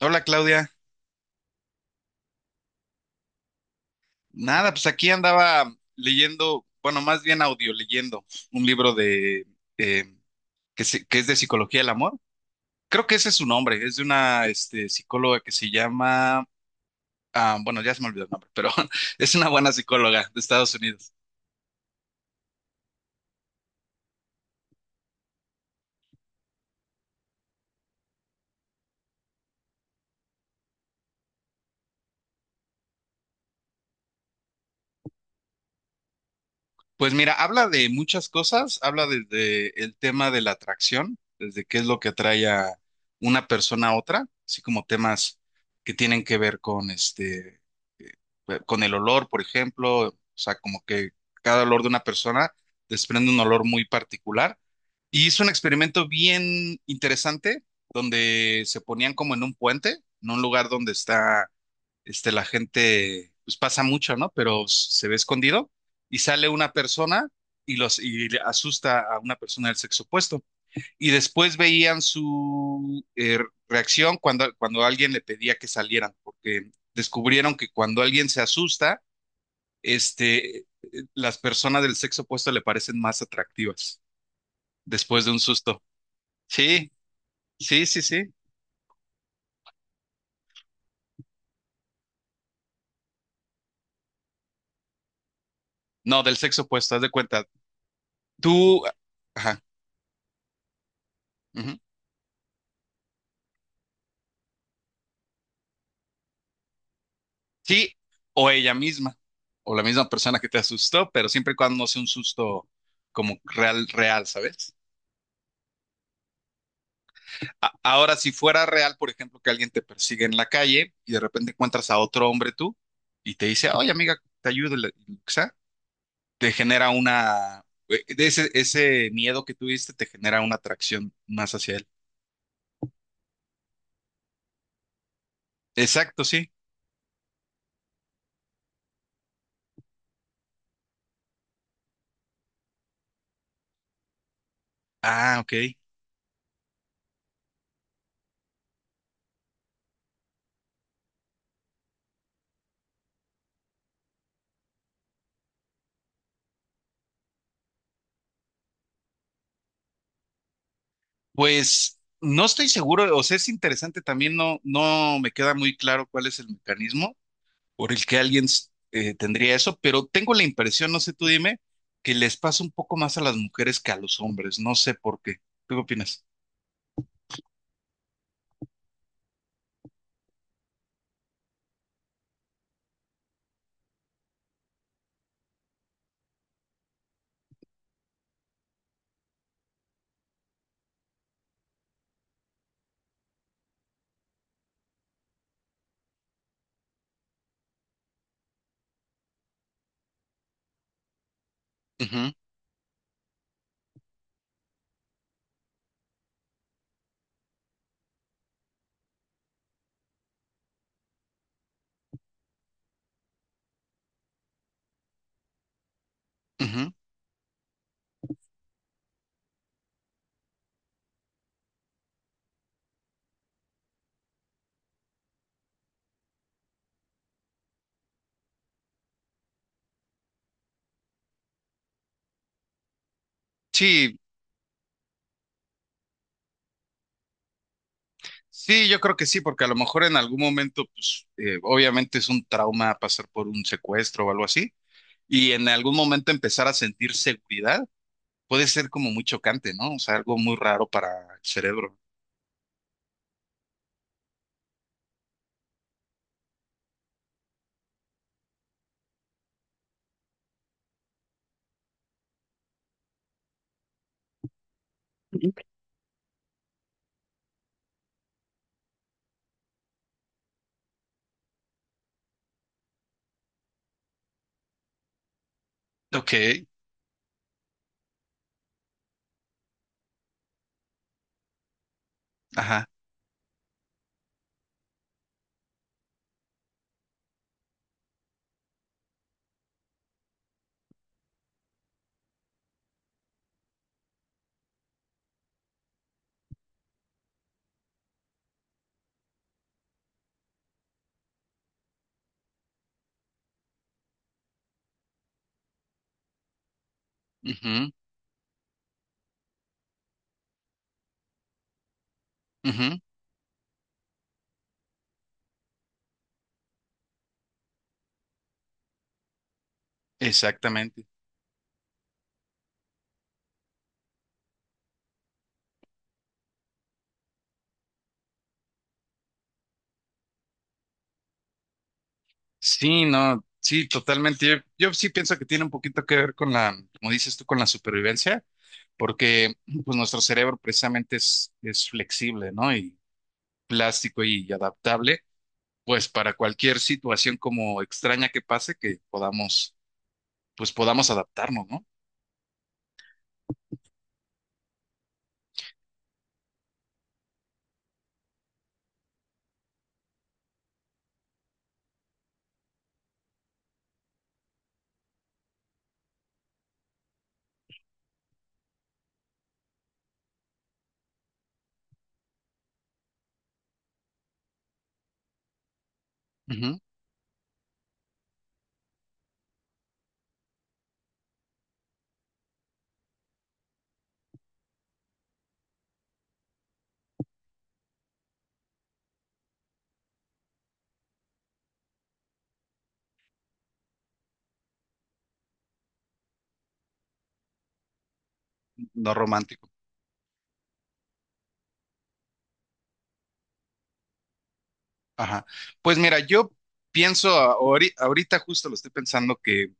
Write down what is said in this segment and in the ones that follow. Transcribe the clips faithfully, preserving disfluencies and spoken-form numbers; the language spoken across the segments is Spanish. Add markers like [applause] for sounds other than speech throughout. Hola, Claudia. Nada, pues aquí andaba leyendo, bueno, más bien audio leyendo un libro de eh, que, se- que es de psicología del amor. Creo que ese es su nombre, es de una este, psicóloga que se llama, ah, bueno, ya se me olvidó el nombre, pero [laughs] es una buena psicóloga de Estados Unidos. Pues mira, habla de muchas cosas, habla desde el tema de la atracción, desde qué es lo que atrae a una persona a otra, así como temas que tienen que ver con este eh, con el olor, por ejemplo. O sea, como que cada olor de una persona desprende un olor muy particular. Y hizo un experimento bien interesante donde se ponían como en un puente, en un lugar donde está, este, la gente pues pasa mucho, ¿no? Pero s- se ve escondido y sale una persona y los y le asusta a una persona del sexo opuesto, y después veían su eh, reacción cuando, cuando alguien le pedía que salieran, porque descubrieron que cuando alguien se asusta, este, eh, las personas del sexo opuesto le parecen más atractivas después de un susto. Sí, sí, sí, sí. No, del sexo opuesto, haz de cuenta. Tú, ajá, ujú. Sí, o ella misma, o la misma persona que te asustó, pero siempre y cuando no sea un susto como real, real, ¿sabes? Ahora, si fuera real, por ejemplo, que alguien te persigue en la calle y de repente encuentras a otro hombre tú y te dice, oye, amiga, te ayudo, y lo que sea, te genera una, eh, de ese, ese miedo que tuviste te genera una atracción más hacia él. Exacto, sí. Ah, ok. Pues no estoy seguro, o sea, es interesante también. No, no me queda muy claro cuál es el mecanismo por el que alguien eh, tendría eso, pero tengo la impresión, no sé, tú dime, que les pasa un poco más a las mujeres que a los hombres, no sé por qué. ¿Tú qué opinas? Ujú, ujú. Sí, sí, yo creo que sí, porque a lo mejor en algún momento, pues, eh, obviamente es un trauma pasar por un secuestro o algo así, y en algún momento empezar a sentir seguridad puede ser como muy chocante, ¿no? O sea, algo muy raro para el cerebro. Ok, ajá. Ujú, ujú. Exactamente. Sí, no, sí, totalmente. Yo, yo sí pienso que tiene un poquito que ver con la, como dices tú, con la supervivencia, porque pues nuestro cerebro precisamente es, es flexible, ¿no? Y plástico y adaptable, pues para cualquier situación como extraña que pase, que podamos, pues podamos adaptarnos, ¿no? Ujú. No romántico. Ajá. Pues mira, yo pienso ahori- ahorita justo lo estoy pensando que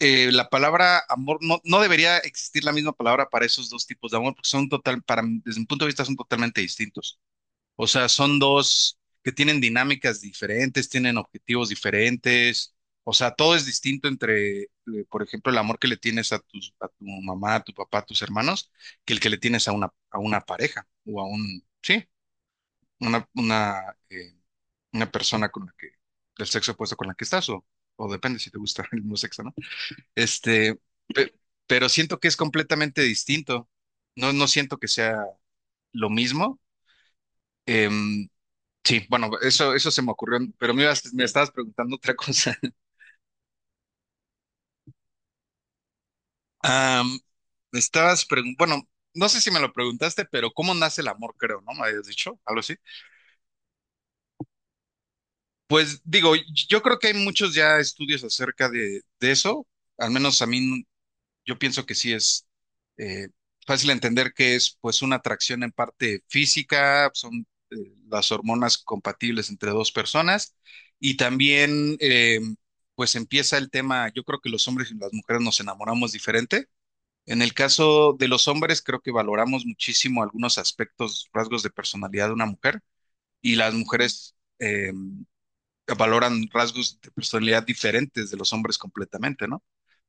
eh, la palabra amor no, no debería existir la misma palabra para esos dos tipos de amor porque son total, para mí, desde mi punto de vista son totalmente distintos. O sea, son dos que tienen dinámicas diferentes, tienen objetivos diferentes. O sea, todo es distinto entre, eh, por ejemplo, el amor que le tienes a tus, a tu mamá, a tu papá, a tus hermanos, que el que le tienes a una, a una pareja o a un, sí, una, una, eh, una persona con la que, del sexo opuesto con la que estás, o, o depende si te gusta [laughs] el mismo sexo, ¿no? Este, pe- pero siento que es completamente distinto. No, no siento que sea lo mismo. Em, sí, bueno, eso, eso se me ocurrió, pero me ibas- me estabas preguntando otra cosa. [laughs] Am, Me estabas preguntando, bueno, no sé si me lo preguntaste, pero ¿cómo nace el amor? Creo, ¿no? Me habías dicho algo así. Pues digo, yo creo que hay muchos ya estudios acerca de, de eso. Al menos a mí, yo pienso que sí es eh, fácil entender que es pues una atracción en parte física, son eh, las hormonas compatibles entre dos personas. Y también, eh, pues empieza el tema, yo creo que los hombres y las mujeres nos enamoramos diferente. En el caso de los hombres, creo que valoramos muchísimo algunos aspectos, rasgos de personalidad de una mujer, y las mujeres eh, valoran rasgos de personalidad diferentes de los hombres completamente, ¿no?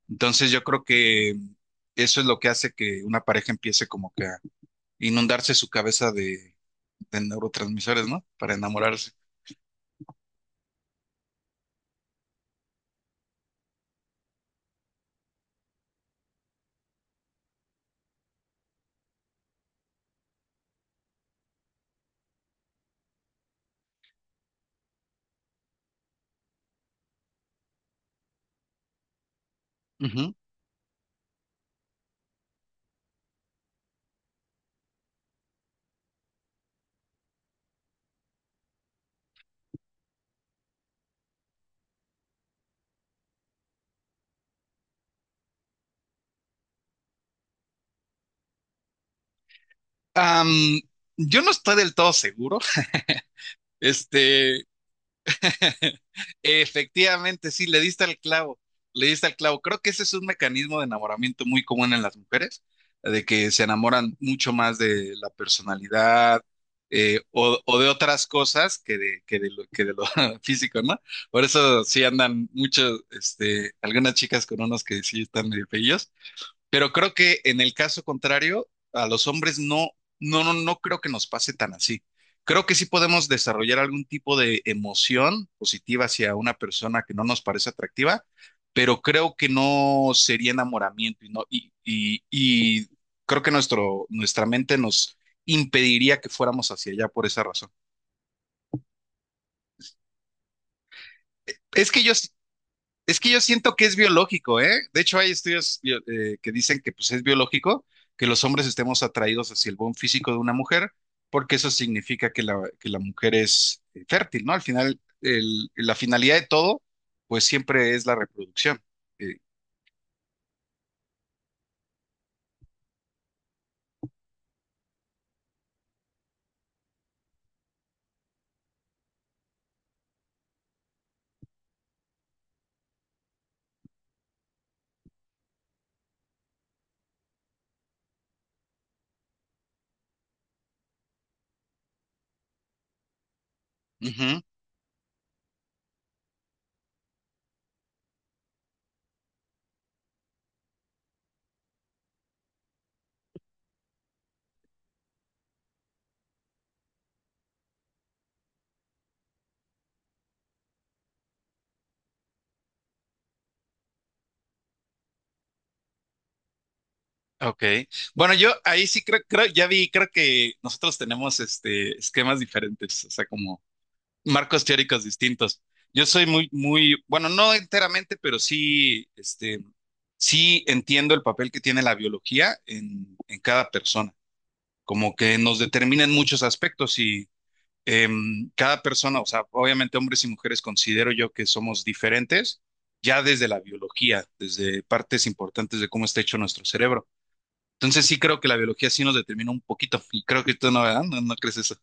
Entonces yo creo que eso es lo que hace que una pareja empiece como que a inundarse su cabeza de, de neurotransmisores, ¿no? Para enamorarse. Ujú. Am, yo no estoy del todo seguro. [laughs] Este, [laughs] efectivamente, sí, le diste al clavo, le diste al clavo. Creo que ese es un mecanismo de enamoramiento muy común en las mujeres, de que se enamoran mucho más de la personalidad, eh, o, o de otras cosas que de, que de lo, que de lo [laughs] físico, ¿no? Por eso sí andan muchos, este, algunas chicas con unos que sí están medio feillos, pero creo que en el caso contrario, a los hombres no, no, no, no creo que nos pase tan así. Creo que sí podemos desarrollar algún tipo de emoción positiva hacia una persona que no nos parece atractiva, pero creo que no sería enamoramiento y no, y, y, y creo que nuestro, nuestra mente nos impediría que fuéramos hacia allá por esa razón. Es que yo, Es que yo siento que es biológico, ¿eh? De hecho, hay estudios bio- eh, que dicen que pues es biológico que los hombres estemos atraídos hacia el buen físico de una mujer, porque eso significa que la, que la mujer es eh, fértil, ¿no? Al final, el- la finalidad de todo pues siempre es la reproducción. Eh, ujú, ok. Bueno, yo ahí sí creo, creo, ya vi, creo que nosotros tenemos este, esquemas diferentes, o sea, como marcos teóricos distintos. Yo soy muy, muy, bueno, no enteramente, pero sí, este, sí entiendo el papel que tiene la biología en, en cada persona, como que nos determina en muchos aspectos. Y em, cada persona, o sea, obviamente hombres y mujeres considero yo que somos diferentes ya desde la biología, desde partes importantes de cómo está hecho nuestro cerebro. Entonces sí creo que la biología sí nos determina un poquito, y creo que tú no, ¿verdad? No, no crees eso.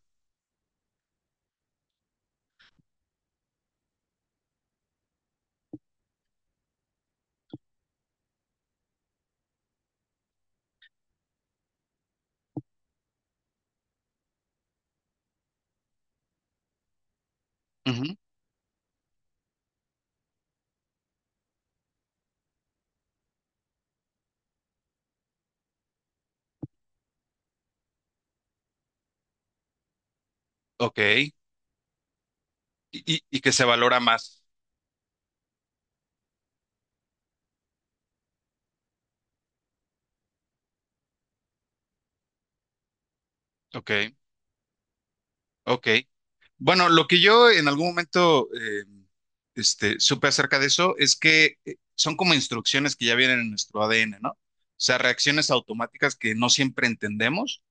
Ujú. Ok. Y, y- y que se valora más. Ok, ok. Bueno, lo que yo en algún momento eh, este, supe acerca de eso es que eh, son como instrucciones que ya vienen en nuestro A D N, ¿no? O sea, reacciones automáticas que no siempre entendemos,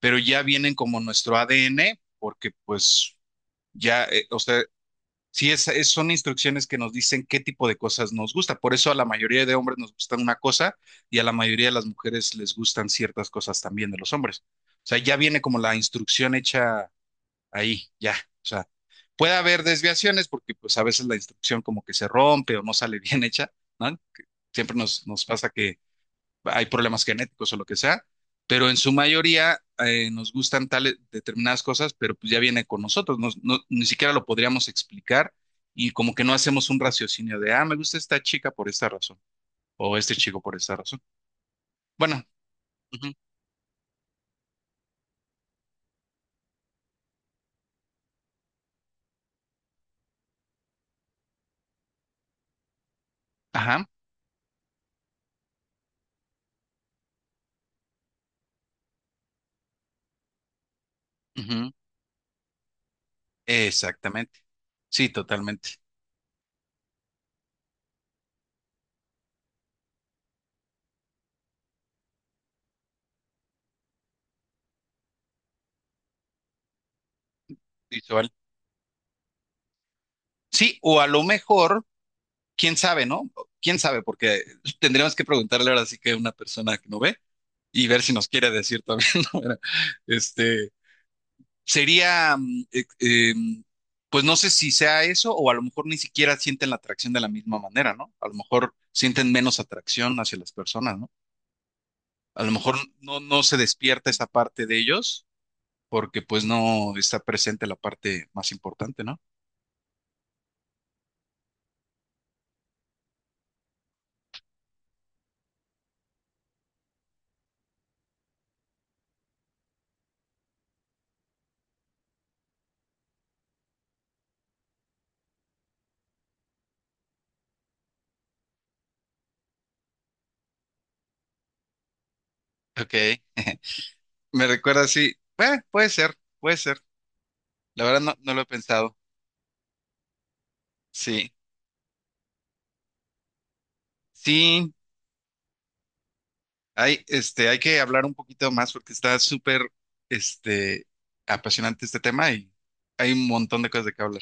pero ya vienen como nuestro A D N, porque pues ya, eh, o sea, sí es, es- son instrucciones que nos dicen qué tipo de cosas nos gusta. Por eso a la mayoría de hombres nos gustan una cosa, y a la mayoría de las mujeres les gustan ciertas cosas también de los hombres. O sea, ya viene como la instrucción hecha ahí, ya. O sea, puede haber desviaciones porque pues a veces la instrucción como que se rompe o no sale [laughs] bien hecha, ¿no? Siempre nos, nos pasa que hay problemas genéticos o lo que sea, pero en su mayoría, eh, nos gustan tales determinadas cosas, pero pues ya viene con nosotros, nos- no- ni siquiera lo podríamos explicar, y como que no hacemos un raciocinio de, ah, me gusta esta chica por esta razón o este chico por esta razón. Bueno, ujú, ajá, ujú, exactamente. Sí, totalmente. Visual. Sí, o a lo mejor, quién sabe, ¿no? Quién sabe, porque tendríamos que preguntarle ahora sí que a una persona que no ve, y ver si nos quiere decir también, [laughs] ¿no? Era, Este, Sería, mm, eh, eh, mm, pues no sé si sea eso, o a lo mejor ni siquiera sienten la atracción de la misma manera, ¿no? A lo mejor sienten menos atracción hacia las personas, ¿no? A lo mejor no, no se despierta esa parte de ellos porque pues no está presente la parte más importante, ¿no? Ok. Me recuerda sí. Eh, puede ser, puede ser. La verdad no, no lo he pensado. Sí, sí. Hay, este, hay que hablar un poquito más porque está súper, este, apasionante este tema, y hay un montón de cosas de que hablar.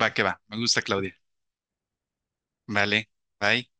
Va que va. Me gusta, Claudia. Vale. Bye.